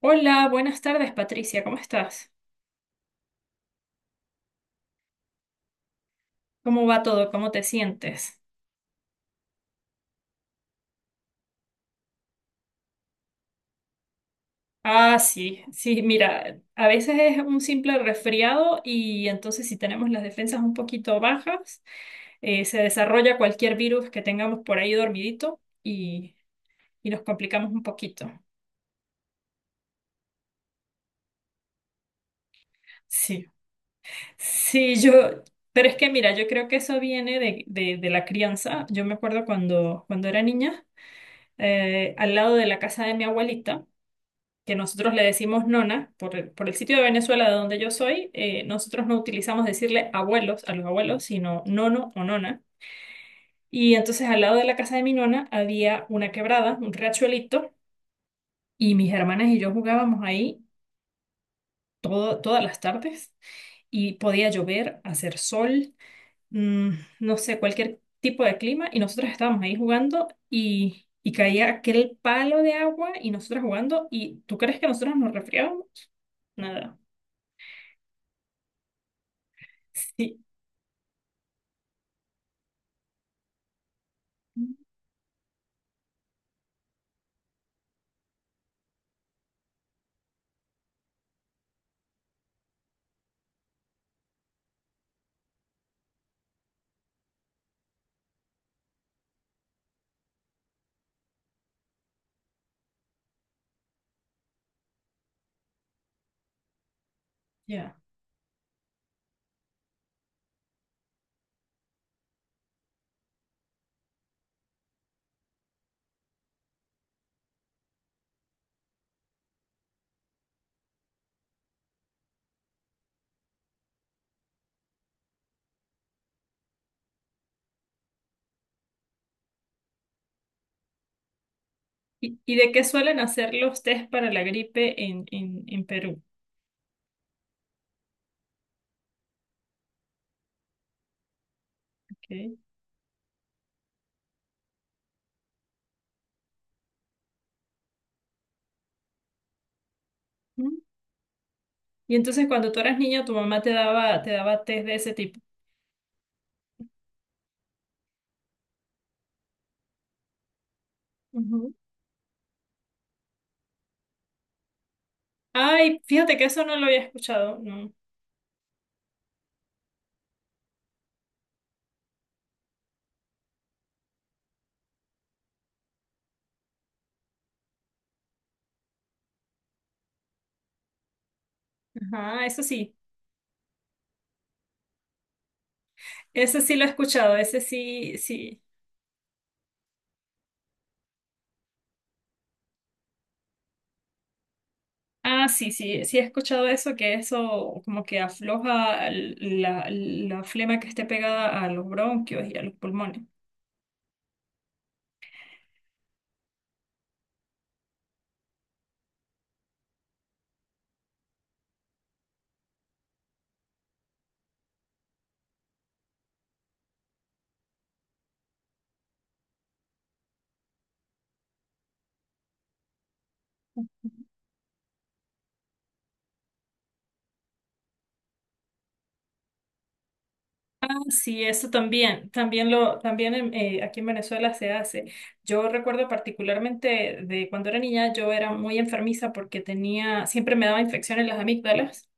Hola, buenas tardes, Patricia, ¿cómo estás? ¿Cómo va todo? ¿Cómo te sientes? Ah, sí, sí, mira, a veces es un simple resfriado y entonces si tenemos las defensas un poquito bajas, se desarrolla cualquier virus que tengamos por ahí dormidito y nos complicamos un poquito. Sí, sí, yo, pero es que mira, yo creo que eso viene de la crianza. Yo me acuerdo cuando era niña, al lado de la casa de mi abuelita, que nosotros le decimos nona, por el sitio de Venezuela de donde yo soy. Nosotros no utilizamos decirle abuelos a los abuelos, sino nono o nona. Y entonces al lado de la casa de mi nona había una quebrada, un riachuelito, y mis hermanas y yo jugábamos ahí todas las tardes, y podía llover, hacer sol, mm, no sé, cualquier tipo de clima, y nosotros estábamos ahí jugando, y caía aquel palo de agua y nosotros jugando. ¿Y tú crees que nosotros nos resfriábamos? Nada. Sí. Ya. ¿Y de qué suelen hacer los test para la gripe en Perú? Ok. Mm. Y entonces cuando tú eras niña, tu mamá te daba test de ese tipo. Ujú. Ay, fíjate que eso no lo había escuchado, no. Ajá, eso sí. Ese sí lo he escuchado, ese sí, sí. Ah, sí, sí, sí he escuchado eso, que eso como que afloja la flema que esté pegada a los bronquios y a los pulmones. Sí, eso también, aquí en Venezuela se hace. Yo recuerdo particularmente de cuando era niña. Yo era muy enfermiza porque tenía, siempre me daba infección en las amígdalas,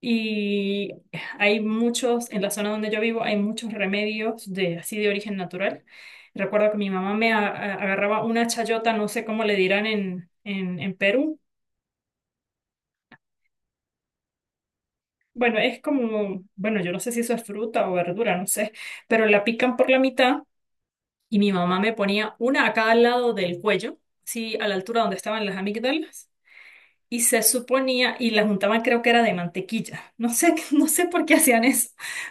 y hay muchos, en la zona donde yo vivo, hay muchos remedios de así de origen natural. Recuerdo que mi mamá me agarraba una chayota, no sé cómo le dirán en Perú. Bueno, es como, bueno, yo no sé si eso es fruta o verdura, no sé, pero la pican por la mitad. Y mi mamá me ponía una acá al lado del cuello, sí, a la altura donde estaban las amígdalas, y se suponía, y la juntaban, creo que era de mantequilla. No sé, no sé por qué hacían eso,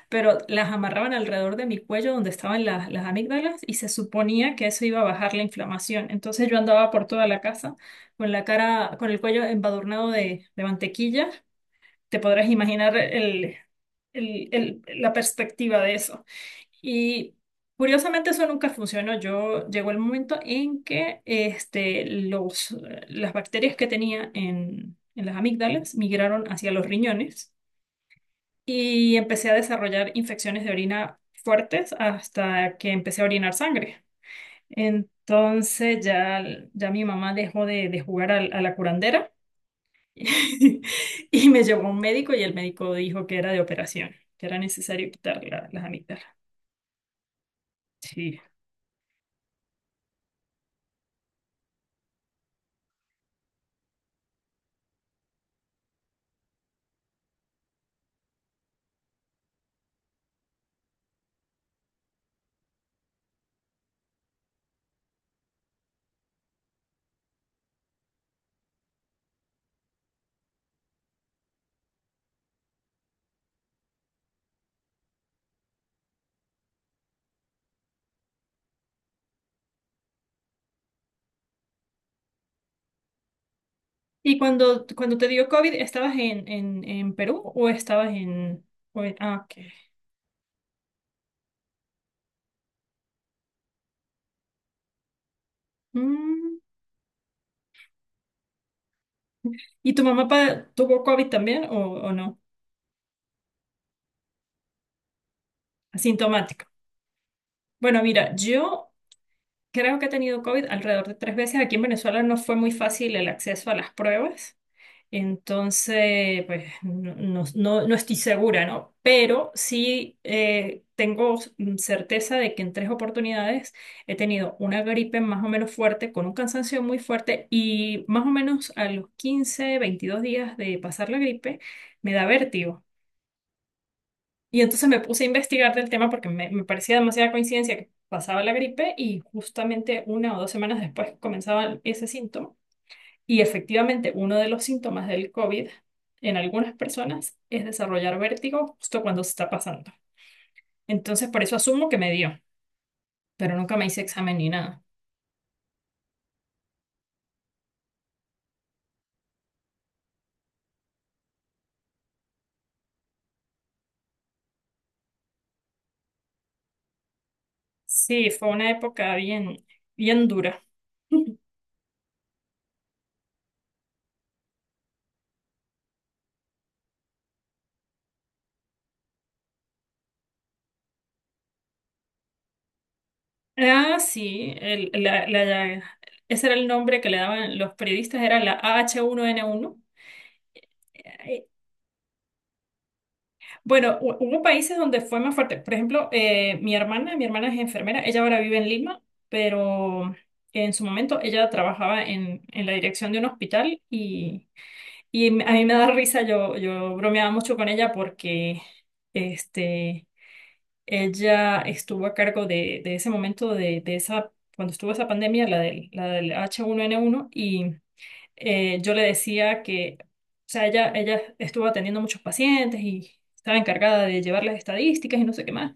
pero las amarraban alrededor de mi cuello donde estaban las amígdalas y se suponía que eso iba a bajar la inflamación. Entonces yo andaba por toda la casa con la cara, con el cuello embadurnado de mantequilla. Te podrás imaginar la perspectiva de eso. Y curiosamente eso nunca funcionó. Yo, llegó el momento en que este, los, las bacterias que tenía en las amígdalas migraron hacia los riñones, y empecé a desarrollar infecciones de orina fuertes, hasta que empecé a orinar sangre. Entonces ya, ya mi mamá dejó de jugar a la curandera. Y me llevó un médico, y el médico dijo que era de operación, que era necesario quitar las amígdalas. Sí. ¿Y cuando te dio COVID, estabas en Perú o estabas en, o en- ah, ok. Mm. ¿Y tu mamá tuvo COVID también o no? Asintomático. Bueno, mira, yo creo que he tenido COVID alrededor de tres veces. Aquí en Venezuela no fue muy fácil el acceso a las pruebas. Entonces, pues no estoy segura, ¿no? Pero sí, tengo, certeza de que en tres oportunidades he tenido una gripe más o menos fuerte, con un cansancio muy fuerte, y más o menos a los 15 22 días de pasar la gripe me da vértigo. Y entonces me puse a investigar del tema porque me parecía demasiada coincidencia que pasaba la gripe y justamente una o 2 semanas después comenzaba ese síntoma. Y efectivamente, uno de los síntomas del COVID en algunas personas es desarrollar vértigo justo cuando se está pasando. Entonces, por eso asumo que me dio, pero nunca me hice examen ni nada. Sí, fue una época bien, bien dura. Ah, sí, ese era el nombre que le daban los periodistas, era la H1N1. Bueno, hubo países donde fue más fuerte. Por ejemplo, mi hermana es enfermera, ella ahora vive en Lima, pero en su momento ella trabajaba en la dirección de un hospital, y a mí me da risa. Yo bromeaba mucho con ella porque este, ella estuvo a cargo de ese momento, de esa, cuando estuvo esa pandemia, la del H1N1. Y yo le decía que, o sea, ella estuvo atendiendo muchos pacientes y estaba encargada de llevar las estadísticas y no sé qué más.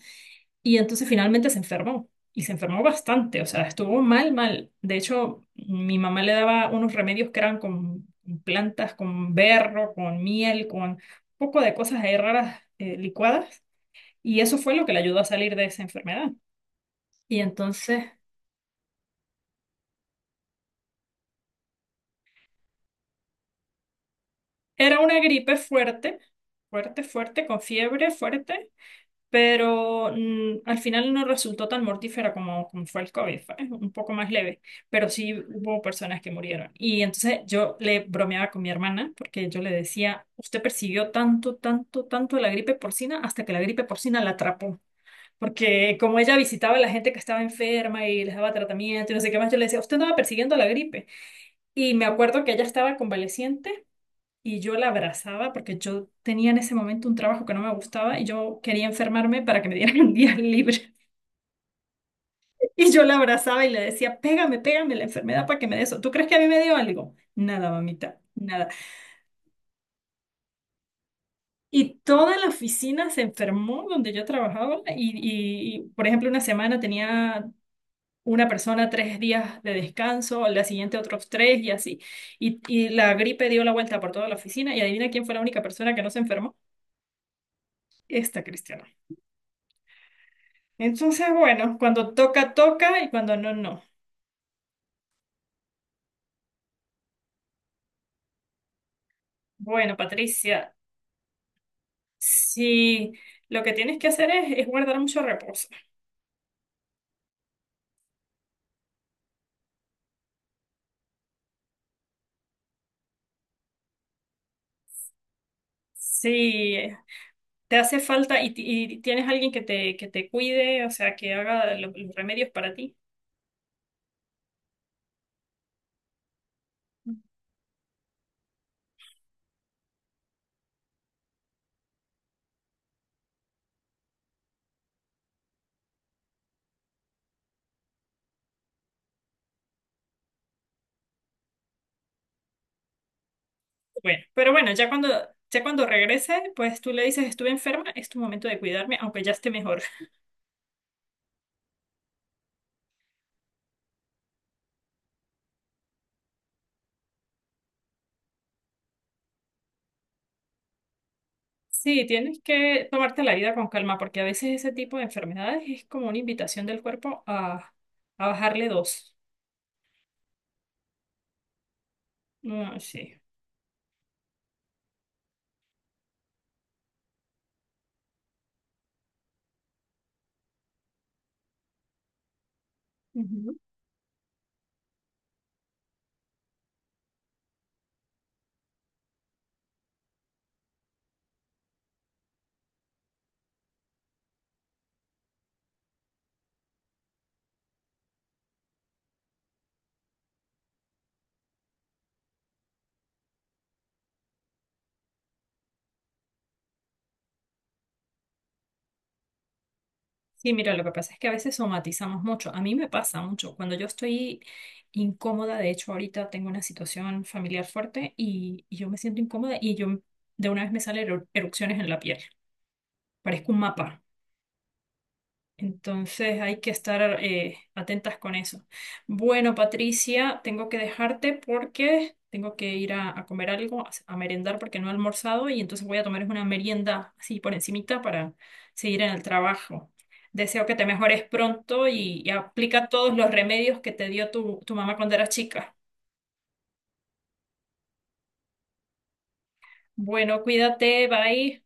Y entonces finalmente se enfermó. Y se enfermó bastante, o sea, estuvo mal, mal. De hecho, mi mamá le daba unos remedios que eran con plantas, con berro, con miel, con un poco de cosas ahí raras, licuadas. Y eso fue lo que le ayudó a salir de esa enfermedad. Y entonces era una gripe fuerte, fuerte, fuerte, con fiebre fuerte, pero al final no resultó tan mortífera como fue el COVID, fue un poco más leve, pero sí hubo personas que murieron. Y entonces yo le bromeaba con mi hermana porque yo le decía, usted persiguió tanto, tanto, tanto la gripe porcina, hasta que la gripe porcina la atrapó. Porque como ella visitaba a la gente que estaba enferma y les daba tratamiento y no sé qué más, yo le decía, usted andaba persiguiendo la gripe. Y me acuerdo que ella estaba convaleciente, y yo la abrazaba porque yo tenía en ese momento un trabajo que no me gustaba, y yo quería enfermarme para que me dieran un día libre. Y yo la abrazaba y le decía, pégame, pégame la enfermedad para que me dé eso. ¿Tú crees que a mí me dio algo? Nada, mamita, nada. Y toda la oficina se enfermó donde yo trabajaba, y, por ejemplo, una semana tenía, una persona 3 días de descanso, al día siguiente otros tres y así. Y la gripe dio la vuelta por toda la oficina, y adivina quién fue la única persona que no se enfermó. Esta cristiana. Entonces, bueno, cuando toca, toca, y cuando no, no. Bueno, Patricia, si lo que tienes que hacer es guardar mucho reposo. Si te hace falta, y tienes alguien que te cuide, o sea, que haga los remedios para ti. Bueno, pero bueno, ya cuando regrese, pues tú le dices, estuve enferma, es tu momento de cuidarme, aunque ya esté mejor. Sí, tienes que tomarte la vida con calma, porque a veces ese tipo de enfermedades es como una invitación del cuerpo a bajarle dos. No, sí. Ujú. Sí, mira, lo que pasa es que a veces somatizamos mucho. A mí me pasa mucho. Cuando yo estoy incómoda, de hecho, ahorita tengo una situación familiar fuerte, y yo me siento incómoda, y yo de una vez me salen erupciones en la piel. Parezco un mapa. Entonces hay que estar atentas con eso. Bueno, Patricia, tengo que dejarte porque tengo que ir a comer algo, a merendar, porque no he almorzado, y entonces voy a tomar una merienda así por encimita para seguir en el trabajo. Deseo que te mejores pronto, y aplica todos los remedios que te dio tu mamá cuando eras chica. Bueno, cuídate, bye.